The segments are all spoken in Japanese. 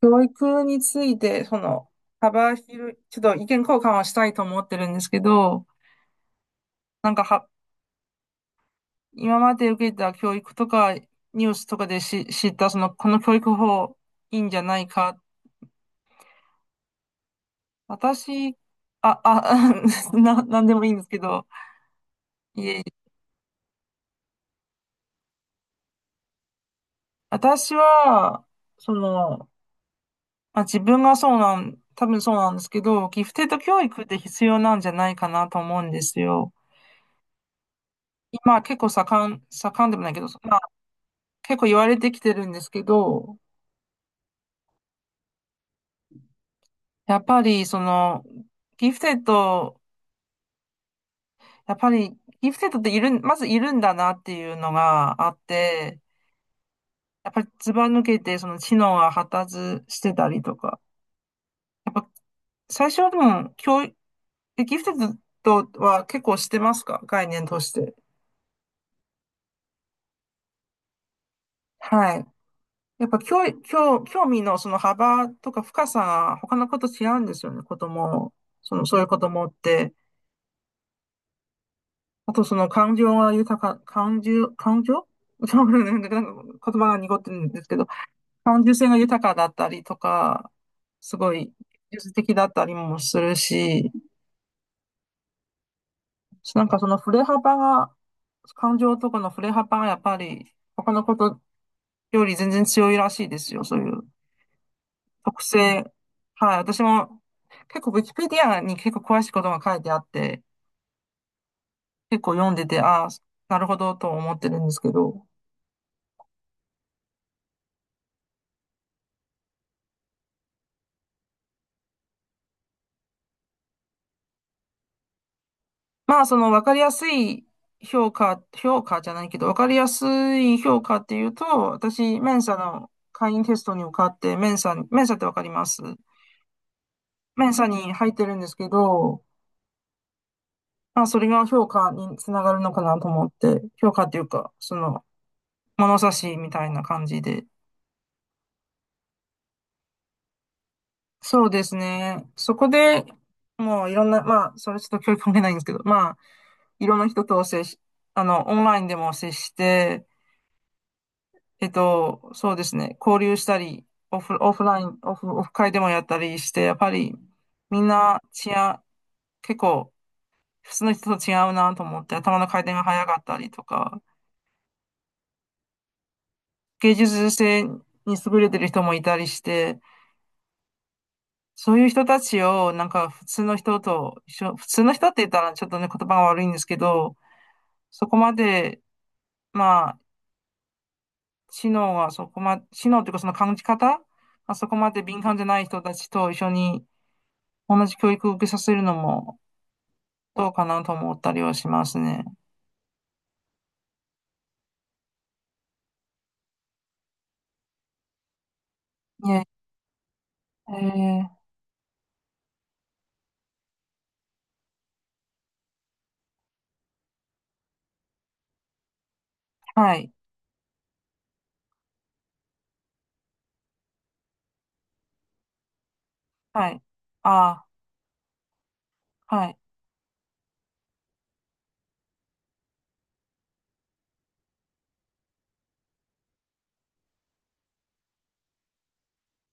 教育について、幅広い、ちょっと意見交換をしたいと思ってるんですけど、なんかは、今まで受けた教育とか、ニュースとかで知った、この教育法、いいんじゃないか。私、あ、あ、なんでもいいんですけど、いえいえ、私は、その、まあ、自分がそうなん、多分そうなんですけど、ギフテッド教育って必要なんじゃないかなと思うんですよ。今結構盛んでもないけど、結構言われてきてるんですけど、やっぱりその、ギフテッド、やっぱりギフテッドっているん、まずいるんだなっていうのがあって、やっぱりずば抜けてその知能が発達してたりとか、やっぱ最初はでも教育、ギフテッドとは結構してますか、概念として。はい。やっぱ教育、教、興味のその幅とか深さが他の子と違うんですよね、子供、その、そういう子供って。あとその感情が豊か、感情、感情、ちょっと待って、なんか言葉が濁ってるんですけど、感受性が豊かだったりとか、すごい技術的だったりもするし、なんかその振れ幅が、感情とかの振れ幅がやっぱり他のことより全然強いらしいですよ、そういう特性。はい、私も結構ウィキペディアに結構詳しいことが書いてあって、結構読んでて、ああ、なるほどと思ってるんですけど。まあ、その分かりやすい評価、評価じゃないけど、分かりやすい評価っていうと、私、メンサの会員テストに受かって、メンサって分かります？メンサに入ってるんですけど、まあ、それが評価につながるのかなと思って、評価っていうか、物差しみたいな感じで。そうですね。そこで、もういろんな、まあ、それちょっと教育関係ないんですけど、まあ、いろんな人と接し、オンラインでも接して、そうですね。交流したり、オフ、オフライン、オフ、オフ会でもやったりして、やっぱりみんな違う、結構普通の人と違うなと思って、頭の回転が早かったりとか、芸術性に優れてる人もいたりして、そういう人たちをなんか普通の人と一緒、普通の人って言ったらちょっとね、言葉が悪いんですけど、そこまで、まあ、知能というかその感じ方、まあ、そこまで敏感じゃない人たちと一緒に同じ教育を受けさせるのもどうかなと思ったりはしますね。ね、えー、はい、はい、あーはい、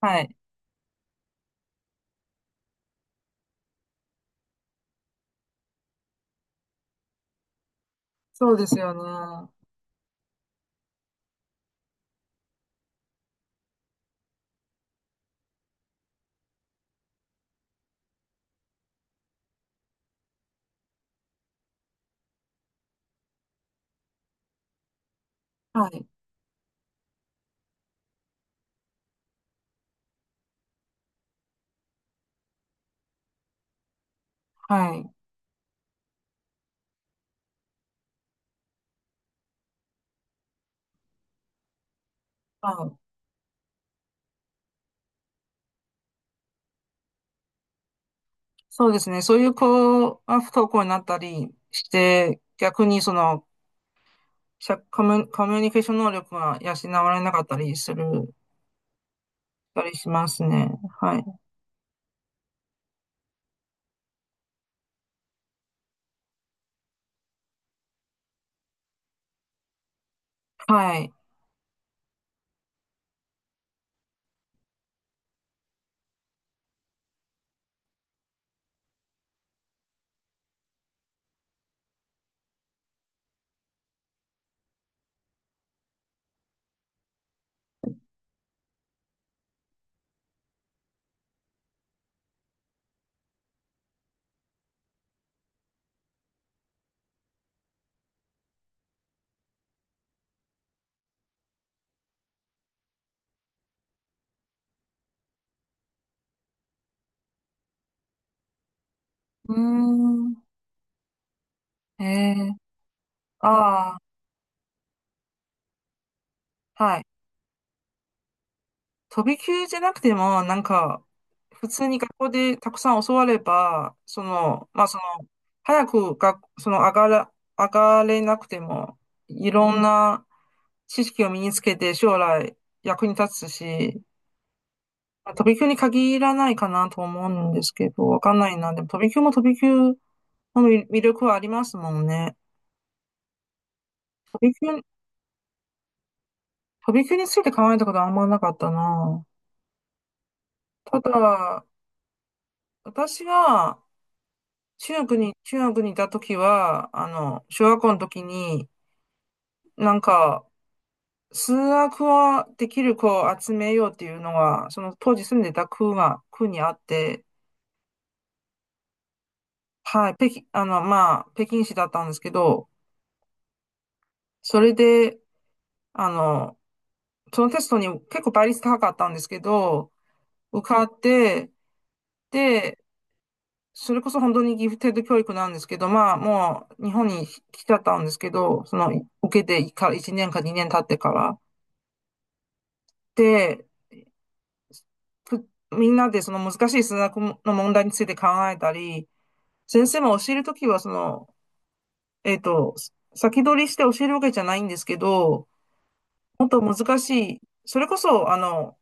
はい。そうですよね。はい、はい、はい。そうですね。そういう子が不登校になったりして、逆にその、社コミュ、コミュニケーション能力が養われなかったりする、たりしますね。はい。はい。うーん。えー、ああ、はい。飛び級じゃなくても、なんか、普通に学校でたくさん教われば、その、まあ、早く学その上がら、上がれなくても、いろんな知識を身につけて将来役に立つし、まあ飛び級に限らないかなと思うんですけど、わかんないな。でも飛び級も飛び級の魅力はありますもんね。飛び級、飛び級について考えたことはあんまなかったな。ただ、私が、中学にいた時は、あの、小学校の時に、なんか、数学はできる子を集めようっていうのが、その当時住んでた区にあって、はい、北京、あの、まあ、北京市だったんですけど、それで、あの、そのテストに結構倍率高かったんですけど、受かって、で、それこそ本当にギフテッド教育なんですけど、まあ、もう日本に来ちゃったんですけど、その、受けてから1年か2年経ってから。で、みんなでその難しい数学の問題について考えたり、先生も教えるときは、その、えっと、先取りして教えるわけじゃないんですけど、もっと難しい、それこそ、あの、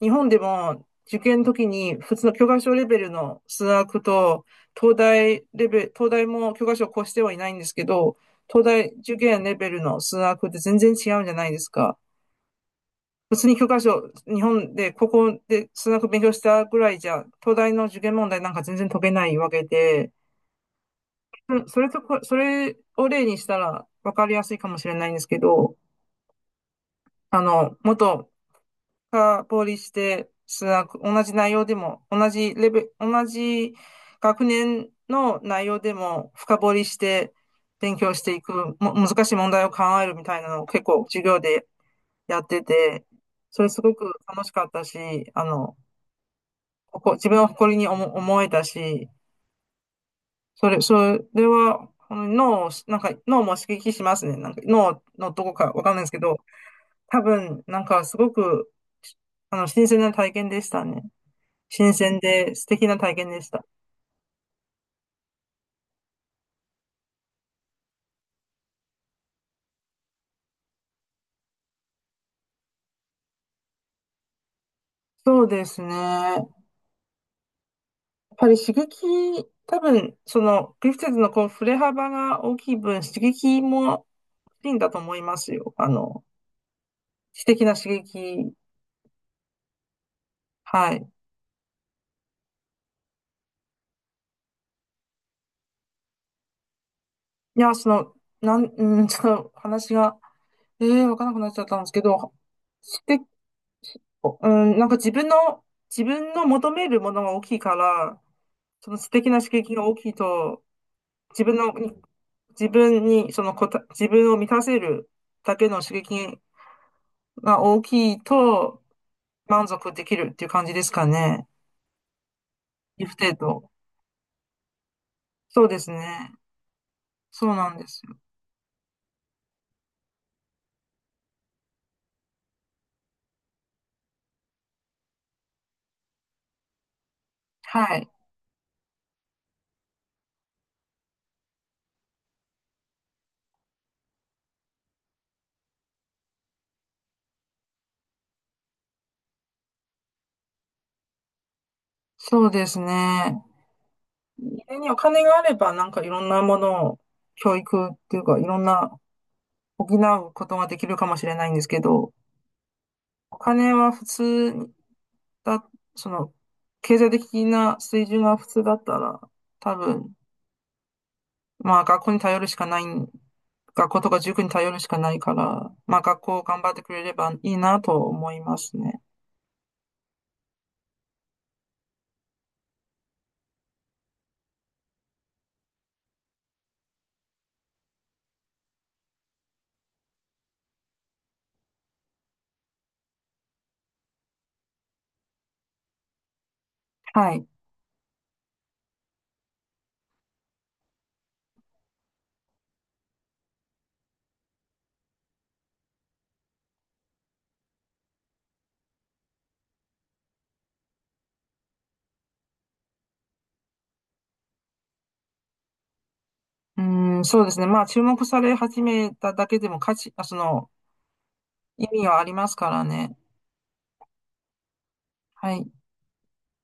日本でも受験の時に普通の教科書レベルの数学と、東大レベル、東大も教科書を越してはいないんですけど、東大受験レベルの数学って全然違うんじゃないですか。物理教科書、日本で、高校で数学勉強したぐらいじゃ、東大の受験問題なんか全然解けないわけで、それを例にしたら分かりやすいかもしれないんですけど、あの、もっと深掘りして、数学、同じ内容でも、同じレベル、同じ学年の内容でも深掘りして勉強していく、難しい問題を考えるみたいなのを結構授業でやってて、それすごく楽しかったし、あの、自分を誇りに思えたし、それは、この脳を、なんか脳も刺激しますね。なんか脳のどこかわかんないですけど、多分、なんかすごく、あの、新鮮な体験でしたね。新鮮で素敵な体験でした。そうですね。やっぱり刺激、多分、その、グリフィドのこう、振れ幅が大きい分、刺激も大きいんだと思いますよ。あの、知的な刺激。はい。いや、その、なん、うん、ちょっと話が、ええー、わかんなくなっちゃったんですけど、して、うん、なんか自分の求めるものが大きいから、その知的な刺激が大きいと、自分の、自分に、そのこた、自分を満たせるだけの刺激が大きいと、満足できるっていう感じですかね。ギフテッド。そうですね。そうなんですよ。はい。そうですね。家にお金があれば、なんかいろんなものを、教育っていうか、いろんな補うことができるかもしれないんですけど、お金は普通だ、その、経済的な水準が普通だったら、多分、まあ学校に頼るしかない、学校とか塾に頼るしかないから、まあ学校頑張ってくれればいいなと思いますね。はい。うん、そうですね。まあ注目され始めただけでも価値、あ、その、意味はありますからね。はい。